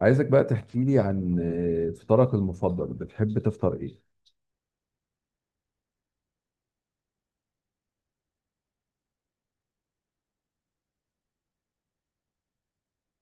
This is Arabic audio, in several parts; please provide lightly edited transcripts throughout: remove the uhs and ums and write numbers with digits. عايزك بقى تحكي لي عن فطارك المفضل، بتحب تفطر ايه؟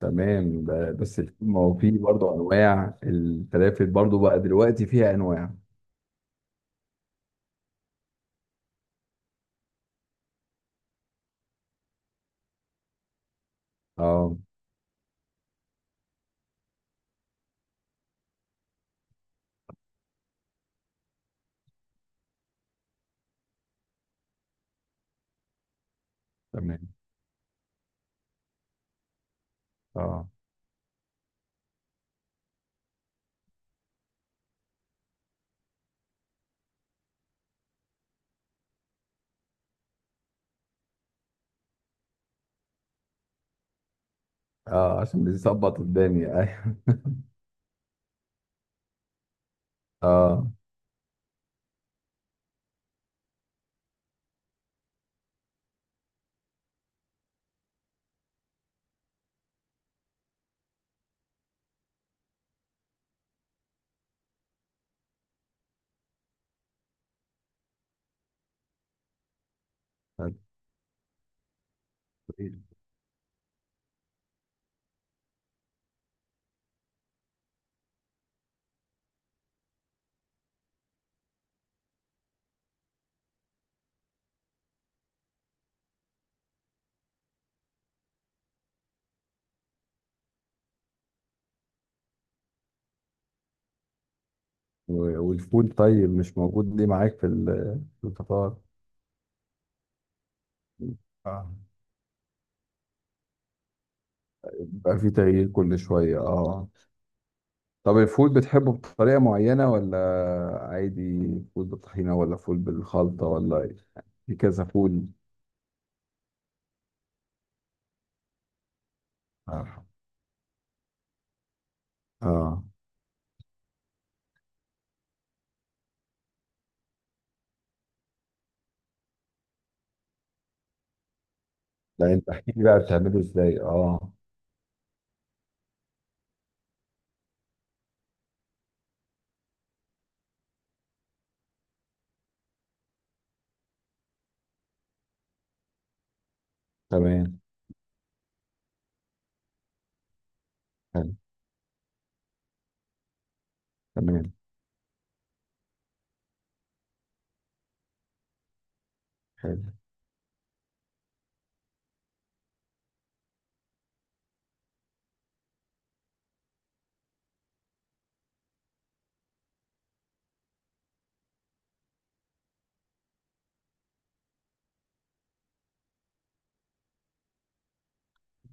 تمام، بس ما هو في برضه انواع الفلافل، برضه بقى دلوقتي فيها انواع. اه. تمام. اه، اه، عشان بيظبط الدنيا، ايوه. اه. طيب، والفول طيب مش موجود ليه معاك في في الفطار؟ اه. بقى في تغيير كل شوية، اه. طب، الفول بتحبه بطريقة معينة ولا عادي؟ فول بالطحينة ولا فول بالخلطة ولا إيه؟ في كذا فول. آه. اه، لا انت احكي لي بقى بتعمله ازاي، اه. تمام. حلو. تمام. حلو.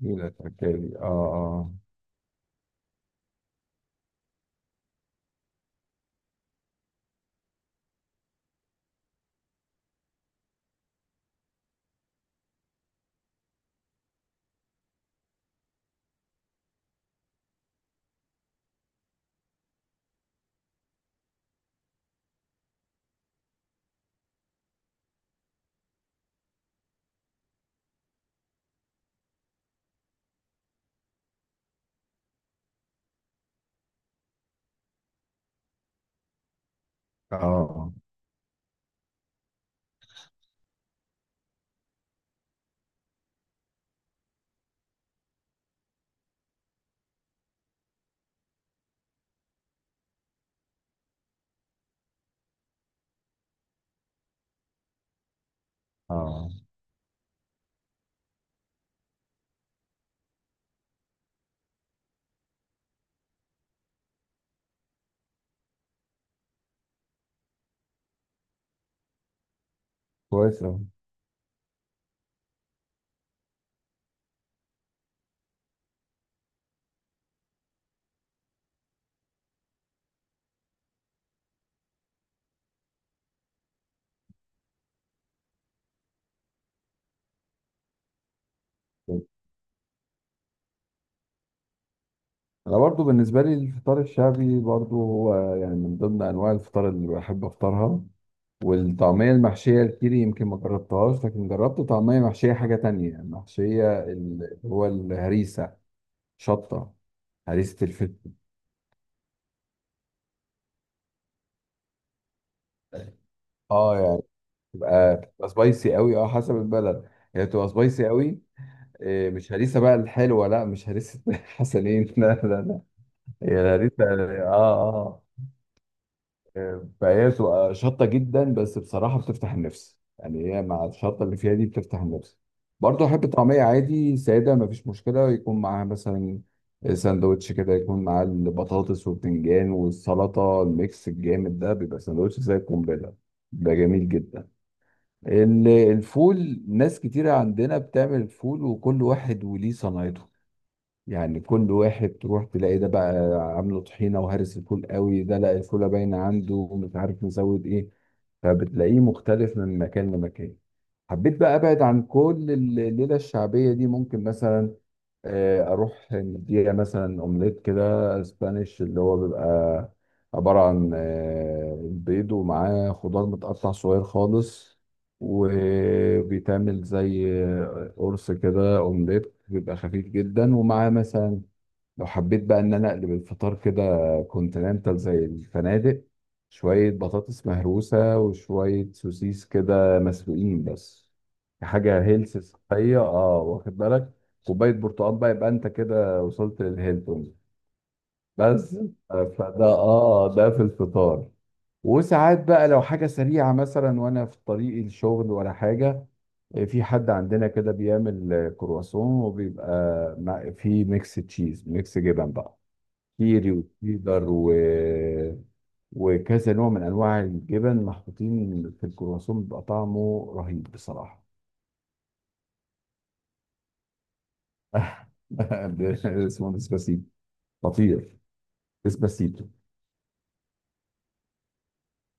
جميل التركيبي، اه. اه. اه. اه. كويس أوي. انا برضو بالنسبة لي الفطار الشعبي برضو هو يعني من ضمن انواع الفطار اللي بحب افطرها. والطعمية المحشية الكيري يمكن ما جربتهاش، لكن جربت طعمية محشية حاجة تانية محشية اللي هو الهريسة. شطة. هريسة الفلفل. اه يعني بتبقى سبايسي قوي، اه، حسب البلد هي بتبقى سبايسي قوي. إيه، مش هريسة بقى الحلوة. لا مش هريسة. حسنين، لا لا لا. هي الهريسة، اه اه. فهي بتبقى شطة جدا، بس بصراحة بتفتح النفس، يعني هي مع الشطة اللي فيها دي بتفتح النفس. برضه أحب طعمية عادي سادة، مفيش مشكلة يكون معاها مثلا ساندوتش كده، يكون معاه البطاطس والبتنجان والسلطة الميكس الجامد ده، بيبقى ساندوتش زي القنبلة، بيبقى جميل جدا. الفول ناس كتيرة عندنا بتعمل الفول، وكل واحد وليه صنايعه. يعني كل واحد تروح تلاقي ده بقى عامله طحينه وهرس الفول قوي، ده لا الفوله باينه عنده ومش عارف نزود ايه. فبتلاقيه مختلف من مكان لمكان. حبيت بقى ابعد عن كل الليله الشعبيه دي. ممكن مثلا اروح نديها مثلا اومليت كده، اسبانيش، اللي هو بيبقى عباره عن بيض ومعاه خضار متقطع صغير خالص. وبيتعمل زي قرص كده اومليت، بيبقى خفيف جدا ومعاه مثلا، لو حبيت بقى ان انا اقلب الفطار كده، كونتيننتال زي الفنادق. شوية بطاطس مهروسة وشوية سوسيس كده مسلوقين بس، حاجة هيلث صحية، اه، واخد بالك، كوباية برتقال بقى، يبقى انت كده وصلت للهيلتون. بس فده، اه، ده في الفطار. وساعات بقى لو حاجة سريعة مثلا، وانا في طريق الشغل ولا حاجة، في حد عندنا كده بيعمل كرواسون، وبيبقى فيه ميكس تشيز، ميكس جبن بقى، كيري وتشيدر وكذا نوع من انواع الجبن محطوطين في الكرواسون، بيبقى طعمه رهيب بصراحه. اسمه ديسباسيتو. خطير. ديسباسيتو.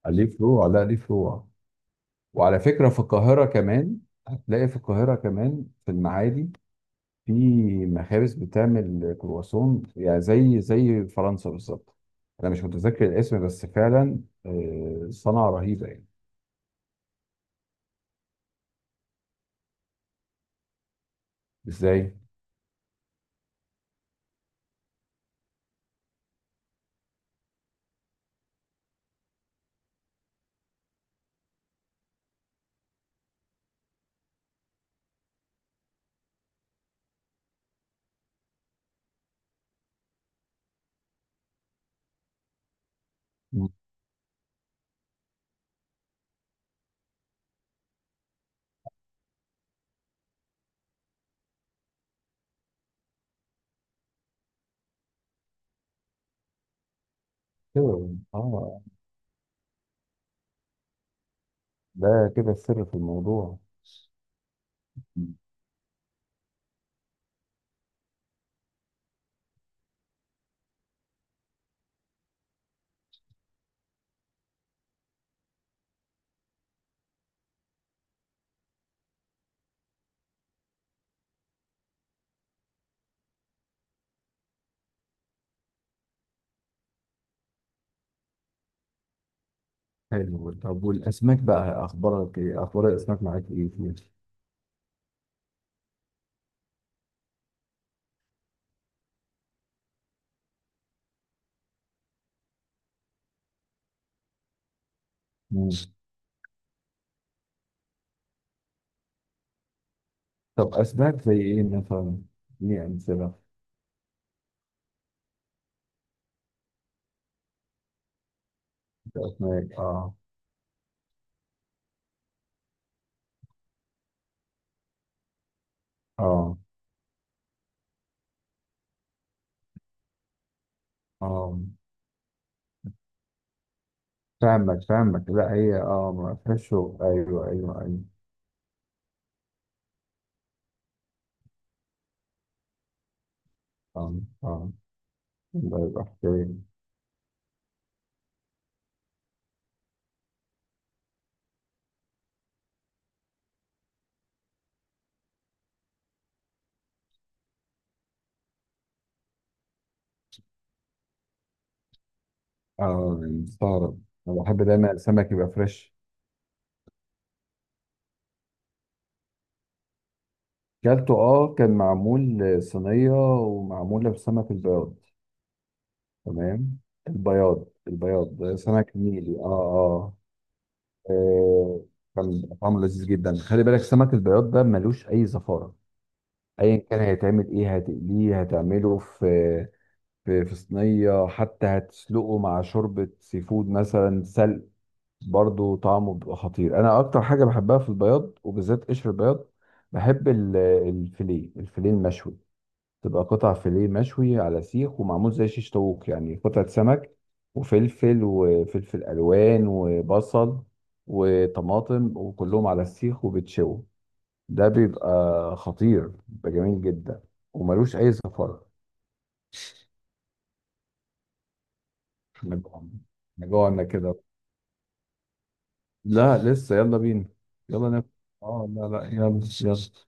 عليه فروع، لا ليه فروع. وعلى فكره في القاهره كمان، هتلاقي في القاهره كمان في المعادي، في مخابز بتعمل كرواسون، يعني زي فرنسا بالظبط. انا مش متذكر الاسم، بس فعلا صنعه رهيبه يعني. ازاي؟ مم. كده. اه، ده كده السر في الموضوع. مم. حلو. طب والاسماك بقى، اخبارك ايه؟ اخبار الاسماك معاك ايه فيها؟ مم. طب اسماك زي ايه مثلا؟ دي امثله اسماك، اه. اه. اه. فاهمك فاهمك، لا هي اه ما فيهاش شغل. ايوه ايوه ايوه، اه اه. ده يبقى حكايه. اه، مستغرب. انا بحب دايما السمك يبقى فريش. كلته، اه، كان معمول صينيه ومعموله بسمك البياض. تمام. البياض، البياض سمك نيلي، اه اه. آه، كان طعمه لذيذ جدا. خلي بالك سمك البياض ده ملوش اي زفاره. ايا كان هيتعمل ايه، هتقليه، هتعمله في صينيه، حتى هتسلقه مع شوربه سي فود مثلا سلق. برضه طعمه بيبقى خطير. انا اكتر حاجه بحبها في البياض، وبالذات قشر البياض. بحب الفيليه المشوي. تبقى قطع فيليه مشوي على سيخ، ومعمول زي شيش طاووق، يعني قطعة سمك وفلفل وفلفل ألوان وبصل وطماطم وكلهم على السيخ وبتشوي. ده بيبقى خطير، بيبقى جميل جدا، وملوش أي زفرة. إحنا جوعنا. إحنا جوعنا كده. لا لسه، يلا بينا. يلا ناكل. اه لا لا، يلا يلا.